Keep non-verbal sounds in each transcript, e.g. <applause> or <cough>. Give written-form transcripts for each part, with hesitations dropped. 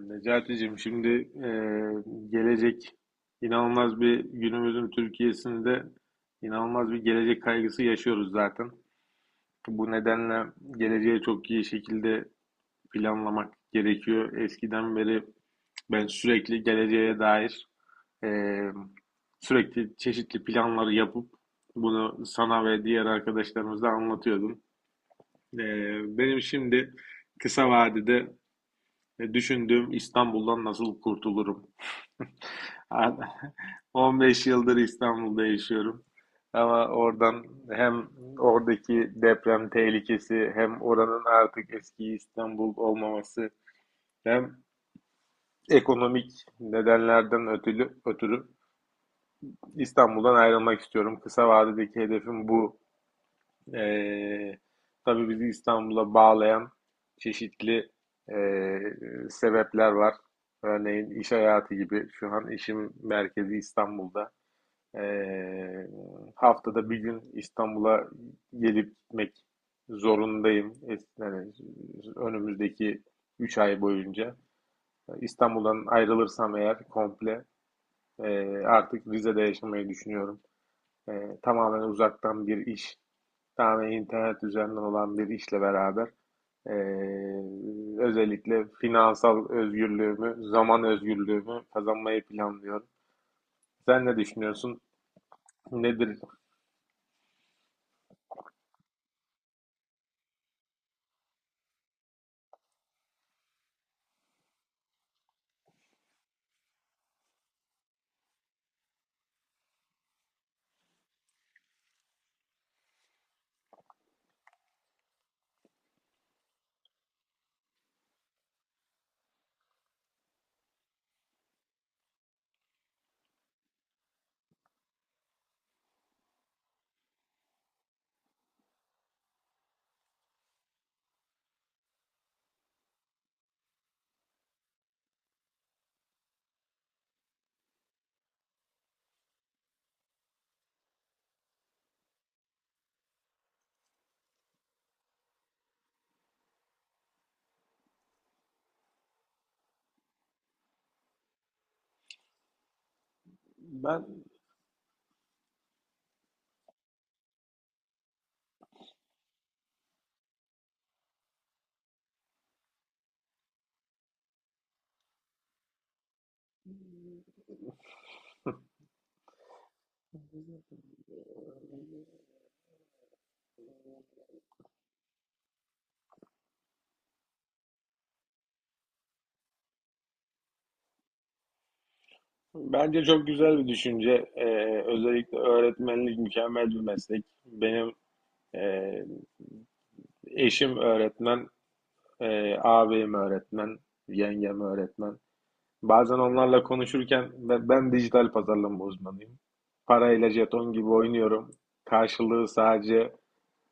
Necati'cim şimdi e, gelecek inanılmaz bir günümüzün Türkiye'sinde inanılmaz bir gelecek kaygısı yaşıyoruz zaten. Bu nedenle geleceği çok iyi şekilde planlamak gerekiyor. Eskiden beri ben sürekli geleceğe dair e, sürekli çeşitli planları yapıp bunu sana ve diğer arkadaşlarımıza anlatıyordum. E, benim şimdi kısa vadede düşündüğüm İstanbul'dan nasıl kurtulurum? Abi, <laughs> 15 yıldır İstanbul'da yaşıyorum. Ama oradan hem oradaki deprem tehlikesi hem oranın artık eski İstanbul olmaması hem ekonomik nedenlerden ötürü İstanbul'dan ayrılmak istiyorum. Kısa vadedeki hedefim bu. Ee, tabii bizi İstanbul'a bağlayan çeşitli ee, sebepler var. Örneğin iş hayatı gibi. Şu an işim merkezi İstanbul'da. Ee, haftada bir gün İstanbul'a gelip gitmek zorundayım. Yani önümüzdeki 3 ay boyunca. İstanbul'dan ayrılırsam eğer komple e, artık Rize'de yaşamayı düşünüyorum. Tamamen uzaktan bir iş, tamamen internet üzerinden olan bir işle beraber e, özellikle finansal özgürlüğümü, zaman özgürlüğümü kazanmayı planlıyorum. Sen ne düşünüyorsun? Nedir? Ben Bence çok güzel bir düşünce. Özellikle öğretmenlik mükemmel bir meslek. Benim e, eşim öğretmen, ağabeyim öğretmen, yengem öğretmen. Bazen onlarla konuşurken ben dijital pazarlama uzmanıyım. Parayla jeton gibi oynuyorum. Karşılığı sadece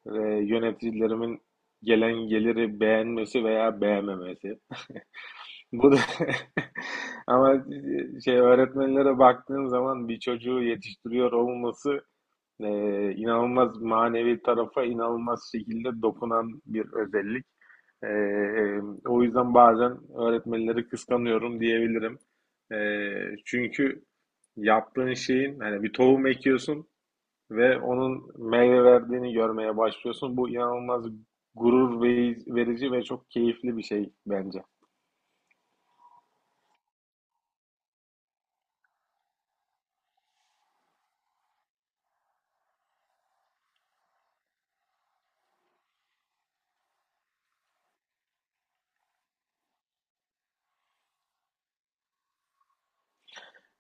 yöneticilerimin gelen geliri beğenmesi veya beğenmemesi. Bu da <laughs> ama şey, öğretmenlere baktığın zaman bir çocuğu yetiştiriyor olması e, inanılmaz manevi tarafa inanılmaz şekilde dokunan bir özellik. E, e, o yüzden bazen öğretmenleri kıskanıyorum diyebilirim. E, çünkü yaptığın şeyin, hani bir tohum ekiyorsun ve onun meyve verdiğini görmeye başlıyorsun. Bu inanılmaz gurur verici ve çok keyifli bir şey bence.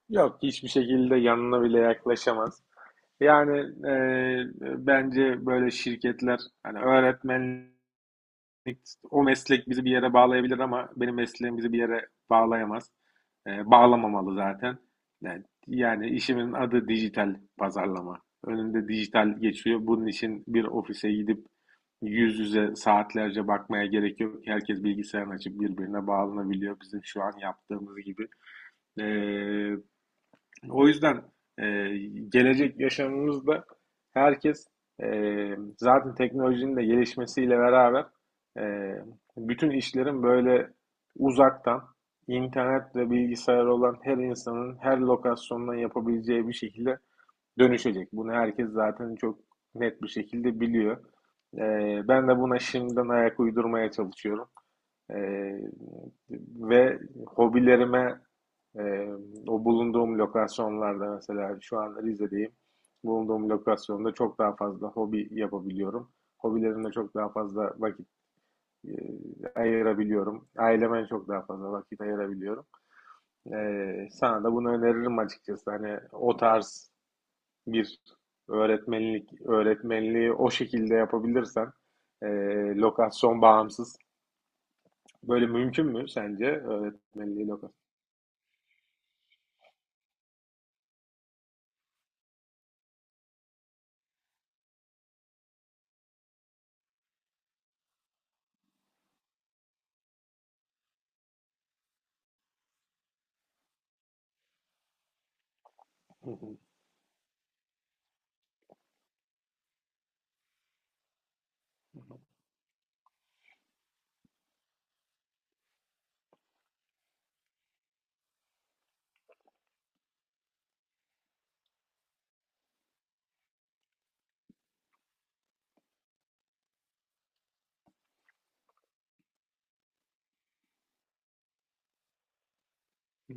Yok, hiçbir şekilde yanına bile yaklaşamaz. Yani e, bence böyle şirketler, hani öğretmen, o meslek bizi bir yere bağlayabilir ama benim mesleğim bizi bir yere bağlayamaz. Bağlamamalı zaten. Yani işimin adı dijital pazarlama. Önünde dijital geçiyor. Bunun için bir ofise gidip yüz yüze saatlerce bakmaya gerek yok. Herkes bilgisayarını açıp birbirine bağlanabiliyor. Bizim şu an yaptığımız gibi. Ee, o yüzden e, gelecek yaşamımızda herkes, e, zaten teknolojinin de gelişmesiyle beraber, e, bütün işlerin böyle uzaktan, internet ve bilgisayar olan her insanın her lokasyondan yapabileceği bir şekilde dönüşecek. Bunu herkes zaten çok net bir şekilde biliyor. E, ben de buna şimdiden ayak uydurmaya çalışıyorum. Ee, ve hobilerime, e, o bulunduğum lokasyonlarda, mesela şu an Rize'deyim. Bulunduğum lokasyonda çok daha fazla hobi yapabiliyorum. Hobilerimle çok daha fazla vakit e, ayırabiliyorum. Aileme çok daha fazla vakit ayırabiliyorum. Sana da bunu öneririm açıkçası. Hani o tarz bir öğretmenlik, öğretmenliği o şekilde yapabilirsen e, lokasyon bağımsız. Böyle mümkün mü sence öğretmenliği loka? Hı hı, hı hı.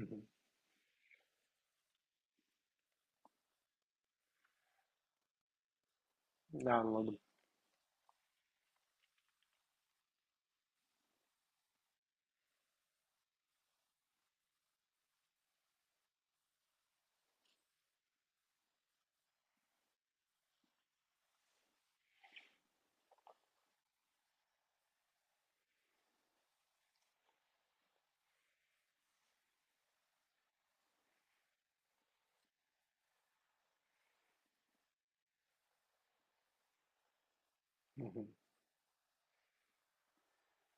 Ne anladım. Hı hı,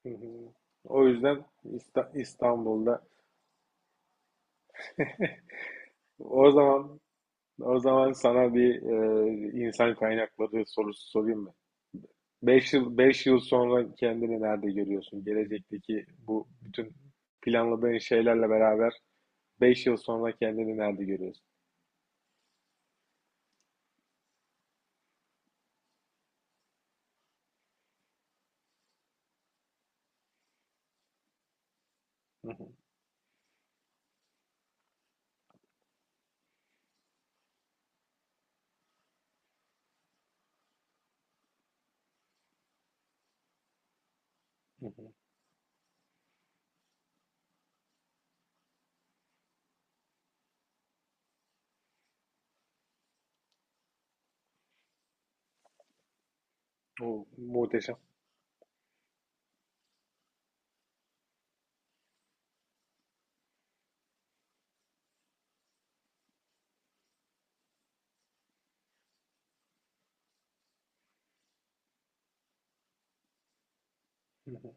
hı hı. O yüzden İstanbul'da o zaman o zaman sana bir insan kaynakları sorusu sorayım mı? Beş yıl sonra kendini nerede görüyorsun? Gelecekteki bu bütün planladığın şeylerle beraber 5 yıl sonra kendini nerede görüyorsun? Hı hı, hı hı. O muhteşem. Hı hı.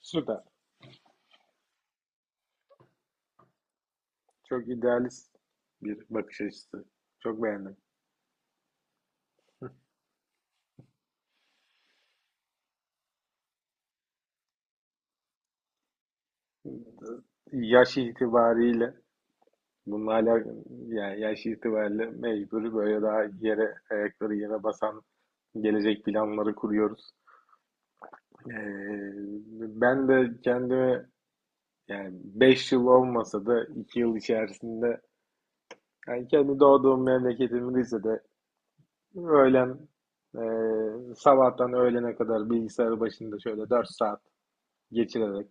Süper. Çok idealist bir bakış açısı. Çok beğendim. Yaş itibariyle bununla alakalı, yani yaş itibariyle mecburi böyle, daha ayakları yere basan gelecek planları kuruyoruz. Ee, ben de kendimi, yani 5 yıl olmasa da 2 yıl içerisinde, yani kendi doğduğum memleketimin de, öğlen, e, sabahtan öğlene kadar bilgisayar başında şöyle 4 saat geçirerek.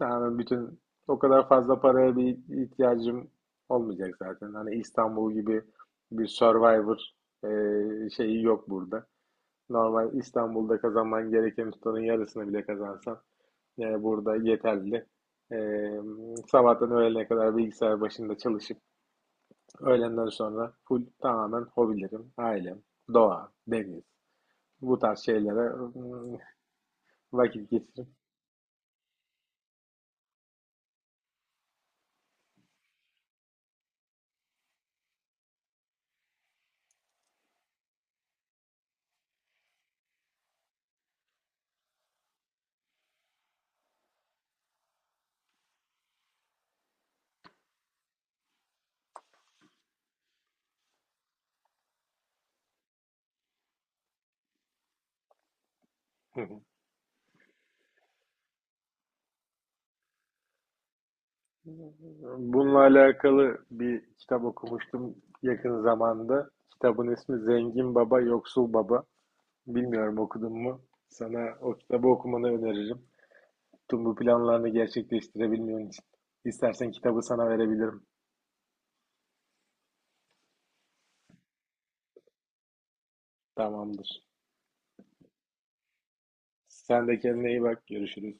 Yani, bütün o kadar fazla paraya bir ihtiyacım olmayacak zaten. Hani İstanbul gibi bir Survivor şeyi yok burada. Normal İstanbul'da kazanman gereken tutanın yarısını bile kazansan burada yeterli. E, sabahtan öğlene kadar bilgisayar başında çalışıp öğlenden sonra full, tamamen hobilerim, ailem, doğa, deniz, bu tarz şeylere mm, vakit geçirip. <laughs> Bununla alakalı bir kitap okumuştum yakın zamanda. Kitabın ismi Zengin Baba, Yoksul Baba. Bilmiyorum, okudun mu? Sana o kitabı okumanı öneririm. Tüm bu planlarını gerçekleştirebilmen için. İstersen kitabı sana verebilirim. Tamamdır. Sen de kendine iyi bak. Görüşürüz.